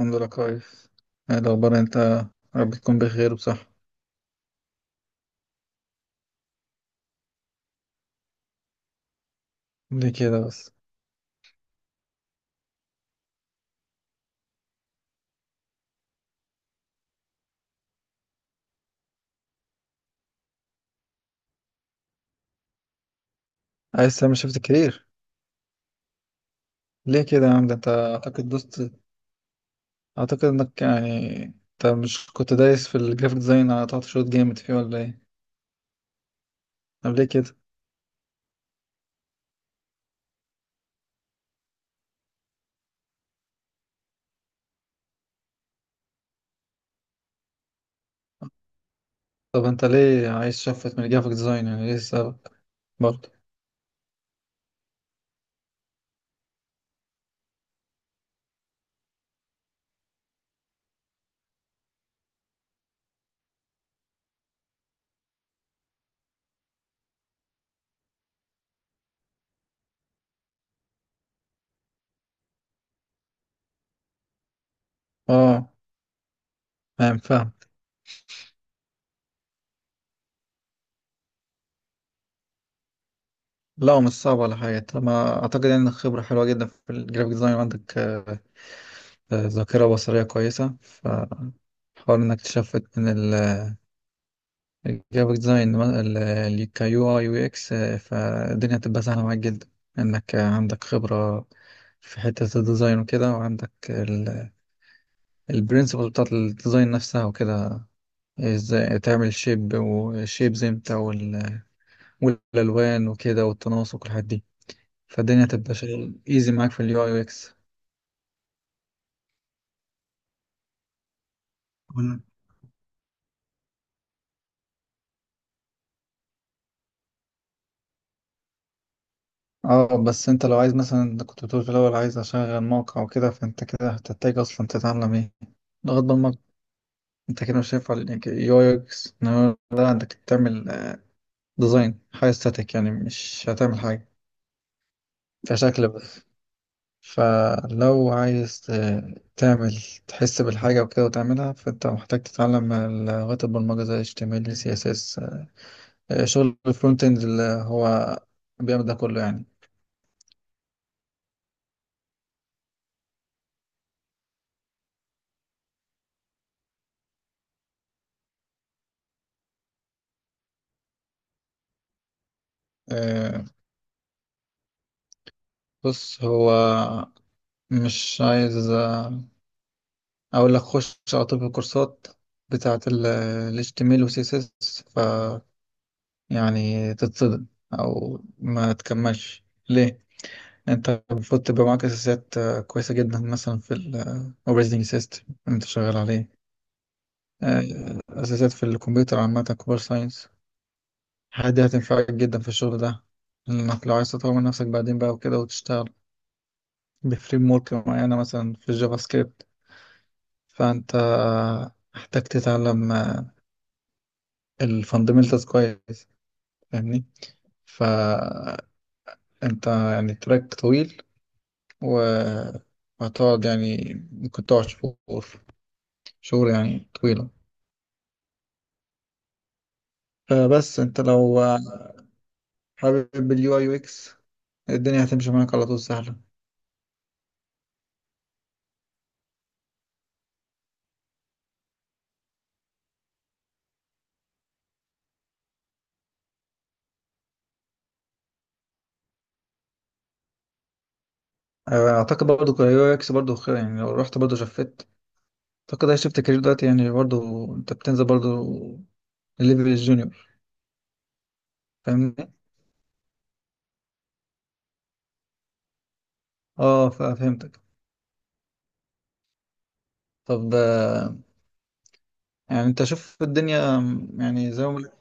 الحمد لله كويس. ايه الاخبار انت؟ يا رب تكون بخير وبصحة. ليه كده بس؟ عايز تعمل شيفت كارير؟ ليه كده يا عم؟ ده انت اعتقد دوست. اعتقد انك يعني انت مش كنت دايس في الجرافيك ديزاين على تحت شوط جامد فيه ولا ايه؟ طب ليه كده؟ طب انت ليه عايز شفت من الجرافيك ديزاين؟ يعني ليه السبب؟ برضه. اه، فاهم. لا، هو مش صعب ولا حاجة. طالما أعتقد إن خبرة حلوة جدا في الجرافيك ديزاين، وعندك ذاكرة بصرية كويسة، فحاول إنك تشفت من جرافيك ديزاين كيو اي يو اكس. فالدنيا هتبقى سهلة معاك جدا، انك عندك خبرة في حتة الديزاين وكده، وعندك البرنسبل بتاعت الديزاين نفسها وكده. ازاي تعمل شيب وشيبز امتى، والالوان وكده، والتناسق والحاجات دي. فالدنيا هتبقى شغل ايزي معاك في اليو اي يو اكس. اه بس انت لو عايز مثلا، انت كنت بتقول في الاول عايز اشغل موقع وكده، فانت كده هتحتاج اصلا تتعلم ايه؟ لغة برمجة. انت كده مش هينفع لانك يو اكس، انما ده عندك تعمل ديزاين حاجه ستاتيك، يعني مش هتعمل حاجه كشكل بس. فلو عايز تعمل، تحس بالحاجه وكده وتعملها، فانت محتاج تتعلم لغات البرمجه زي HTML CSS. شغل الفرونت اند اللي هو بيعمل ده كله يعني. آه، بص، هو مش عايز، اقول لك خش على طول في الكورسات بتاعت ال HTML و CSS يعني تتصدم او ما تكملش. ليه؟ انت المفروض تبقى معاك اساسيات كويسه جدا، مثلا في الاوبريتنج سيستم اللي انت شغال عليه. آه، اساسيات في الكمبيوتر عامه، كمبيوتر ساينس. الحاجات دي هتنفعك جدا في الشغل ده، انك لو عايز تطور من نفسك بعدين بقى وكده وتشتغل بفريم ورك معينه مثلا في الجافا سكريبت. فانت محتاج تتعلم الفاندمنتالز كويس، فاهمني؟ فانت يعني تراك طويل، وهتقعد يعني ممكن تقعد شهور، شهور يعني طويلة. فبس انت لو حابب اليو اي يو اكس، الدنيا هتمشي معاك على طول سهلة. اعتقد برضو اليو اي اكس برضو خير، يعني لو رحت برضو شفت. اعتقد هي شفت كارير دلوقتي، يعني برضو انت بتنزل برضو الليفل الجونيور. فاهمني؟ اه، فهمتك. طب، يعني انت شوف الدنيا يعني زي ما بقول.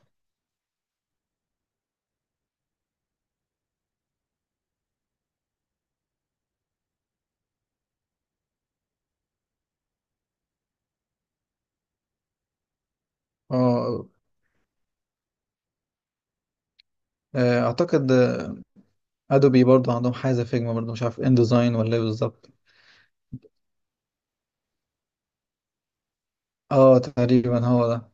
اه. اعتقد ادوبي برضو عندهم حاجه زي فيجما، برضو مش عارف ان ديزاين ولا ايه بالظبط. اه تقريبا هو ده.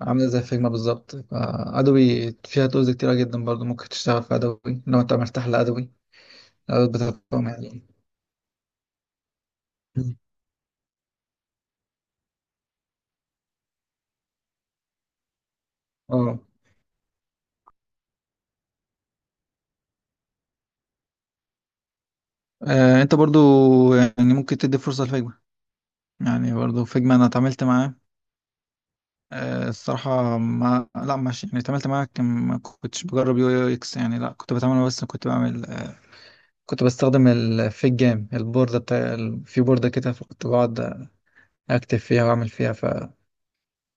عاملة زي فيجما بالظبط. أدوبي فيها تولز كتيرة جدا، برضو ممكن تشتغل في أدوبي لو أنت مرتاح لأدوبي، الأدوات بتاعتهم يعني. مم. اه، أنت برضو يعني ممكن تدي فرصة لفيجما. يعني برضو فيجما أنا اتعاملت معاه. الصراحة ما لا، مش يعني اتعاملت معاه، كان ما كنتش بجرب يو يو إكس يعني، لا كنت بتعامل، بس كنت بعمل، كنت بستخدم الفيج جام البوردة بتاع في بوردة كده، فكنت بقعد أكتب فيها وأعمل فيها، فكنت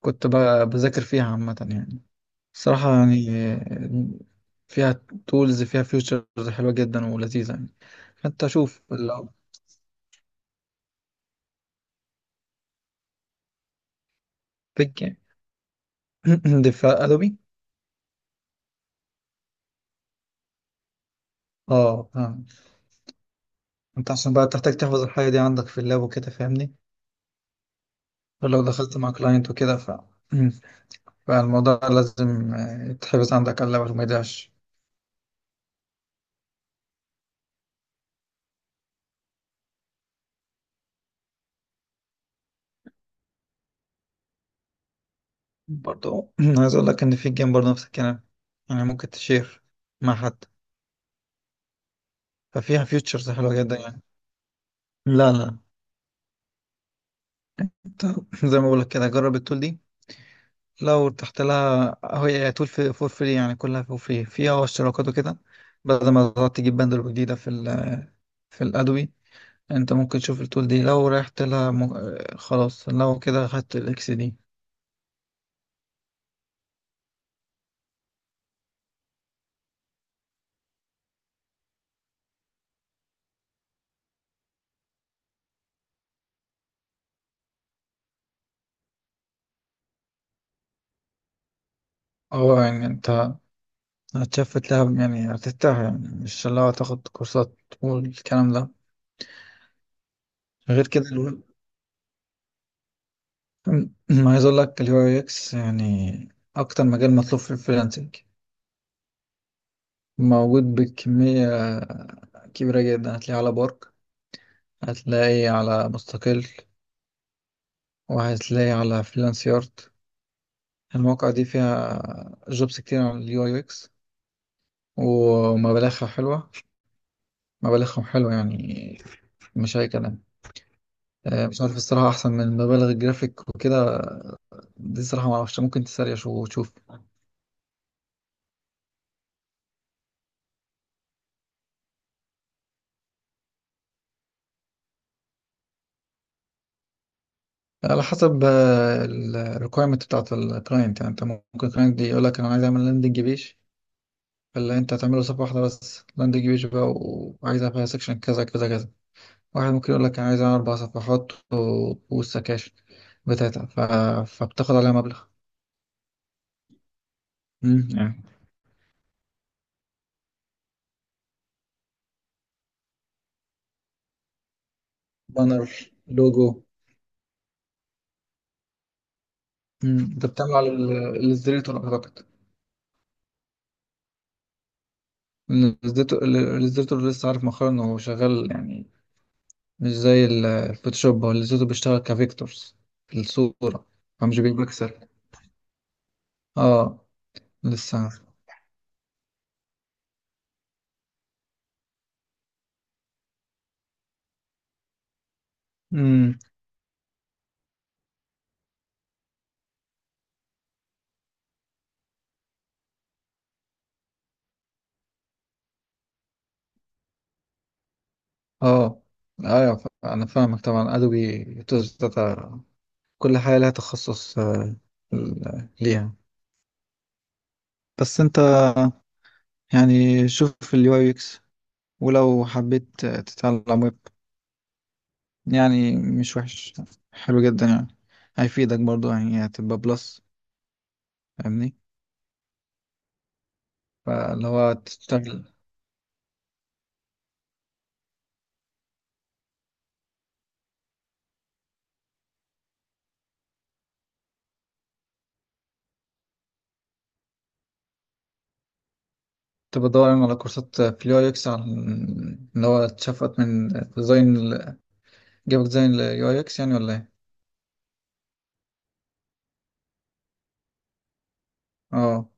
بذاكر فيها عامة يعني. صراحة يعني فيها تولز، فيها فيوتشرز حلوة جدا ولذيذة يعني. فانت شوف. لو بيج يعني دفاع ادوبي. اه فاهم. انت عشان بقى تحتاج تحفظ الحاجة دي عندك في اللاب وكده، فاهمني؟ فلو دخلت مع كلاينت وكده، ف فالموضوع لازم يتحفظ عندك على اللاب وما يضيعش. برضه عايز اقول لك ان في جيم برضه نفس الكلام، يعني ممكن تشير مع حد. ففيها فيوتشرز حلوة جدا يعني. لا. انت زي ما بقول لك كده، جرب التول دي. لو تحت لها، هي طول في فور فري، يعني كلها فور فري، فيها اشتراكات وكده. بدل ما تقعد تجيب باندل جديدة في ال في الأدوي، انت ممكن تشوف التول دي لو رحت لها م... آه، خلاص لو كده خدت الاكس دي. اه، يعني انت هتشفت لها، يعني هترتاح، يعني مش اللي هو تاخد كورسات والكلام ده. غير كده ما عايز اقول لك اليو اي اكس يعني اكتر مجال مطلوب في الفريلانسنج. موجود بكمية كبيرة جدا، هتلاقيه على بارك، هتلاقي على مستقل، وهتلاقي على فريلانس يارد. المواقع دي فيها جوبس كتير عن اليو اي اكس، ومبالغها حلوة، مبالغهم حلوة يعني، مش أي كلام. مش عارف الصراحة أحسن من مبالغ الجرافيك وكده دي. الصراحة معرفش، ممكن تسريش وتشوف. على حسب الريكويرمنت بتاعت الكلاينت يعني. أنت ممكن الكلاينت دي يقولك أنا عايز أعمل لاندنج بيج، فاللي أنت هتعمله صفحة واحدة بس، لاندنج بيج بقى، وعايزها فيها سكشن كذا كذا كذا. واحد ممكن يقول لك انا عايز أعمل اربع صفحات، والسكاشن بتاعتها ف... فبتاخد عليها مبلغ. مم، يعني بانر، لوجو. مم، انت بتعمله على الاصدريتور اعتقد. إن الاصدريتور الاصدريتور لسه عارف مؤخرا انه هو شغال يعني، مش زي الفوتوشوب. هو الاصدريتور بيشتغل كفيكتورز في الصورة، فمش بالبكسل. اه لسه عارف. امم اه. ايوه، انا فاهمك طبعا. ادوبي توز داتا، كل حاجة لها تخصص. ليها. بس انت يعني شوف اليو اي اكس، ولو حبيت تتعلم ويب يعني مش وحش، حلو جدا يعني، هيفيدك برضو، يعني هتبقى بلس. فاهمني؟ فاللي هو تشتغل، تبقى دور على كورسات في اليو اي اكس، عن اللي هو اتشفت من ديزاين، جابك ديزاين اليو اي اكس يعني ولا ايه. اه.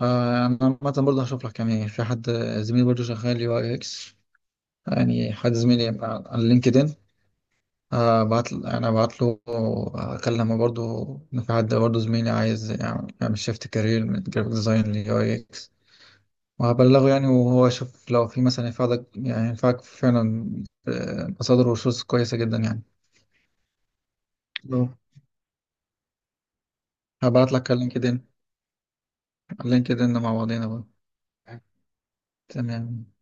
اه، انا عامة برضه هشوف لك يعني. في حد زميلي برضه شغال يو اي اكس، يعني حد زميلي على على لينكدين. بعت انا بعت له، اكلمه برضو، إن في حد برضو زميلي عايز يعمل، يعمل شيفت كارير من جرافيك ديزاين ليو اي اكس، وهبلغه يعني، وهو يشوف لو في مثلا ينفعك، يعني ينفعك فعلا. مصادر وشوز كويسة جدا يعني. اه، هبعت لك على لينكدين، على لينكدين مع بعضينا بقى. تمام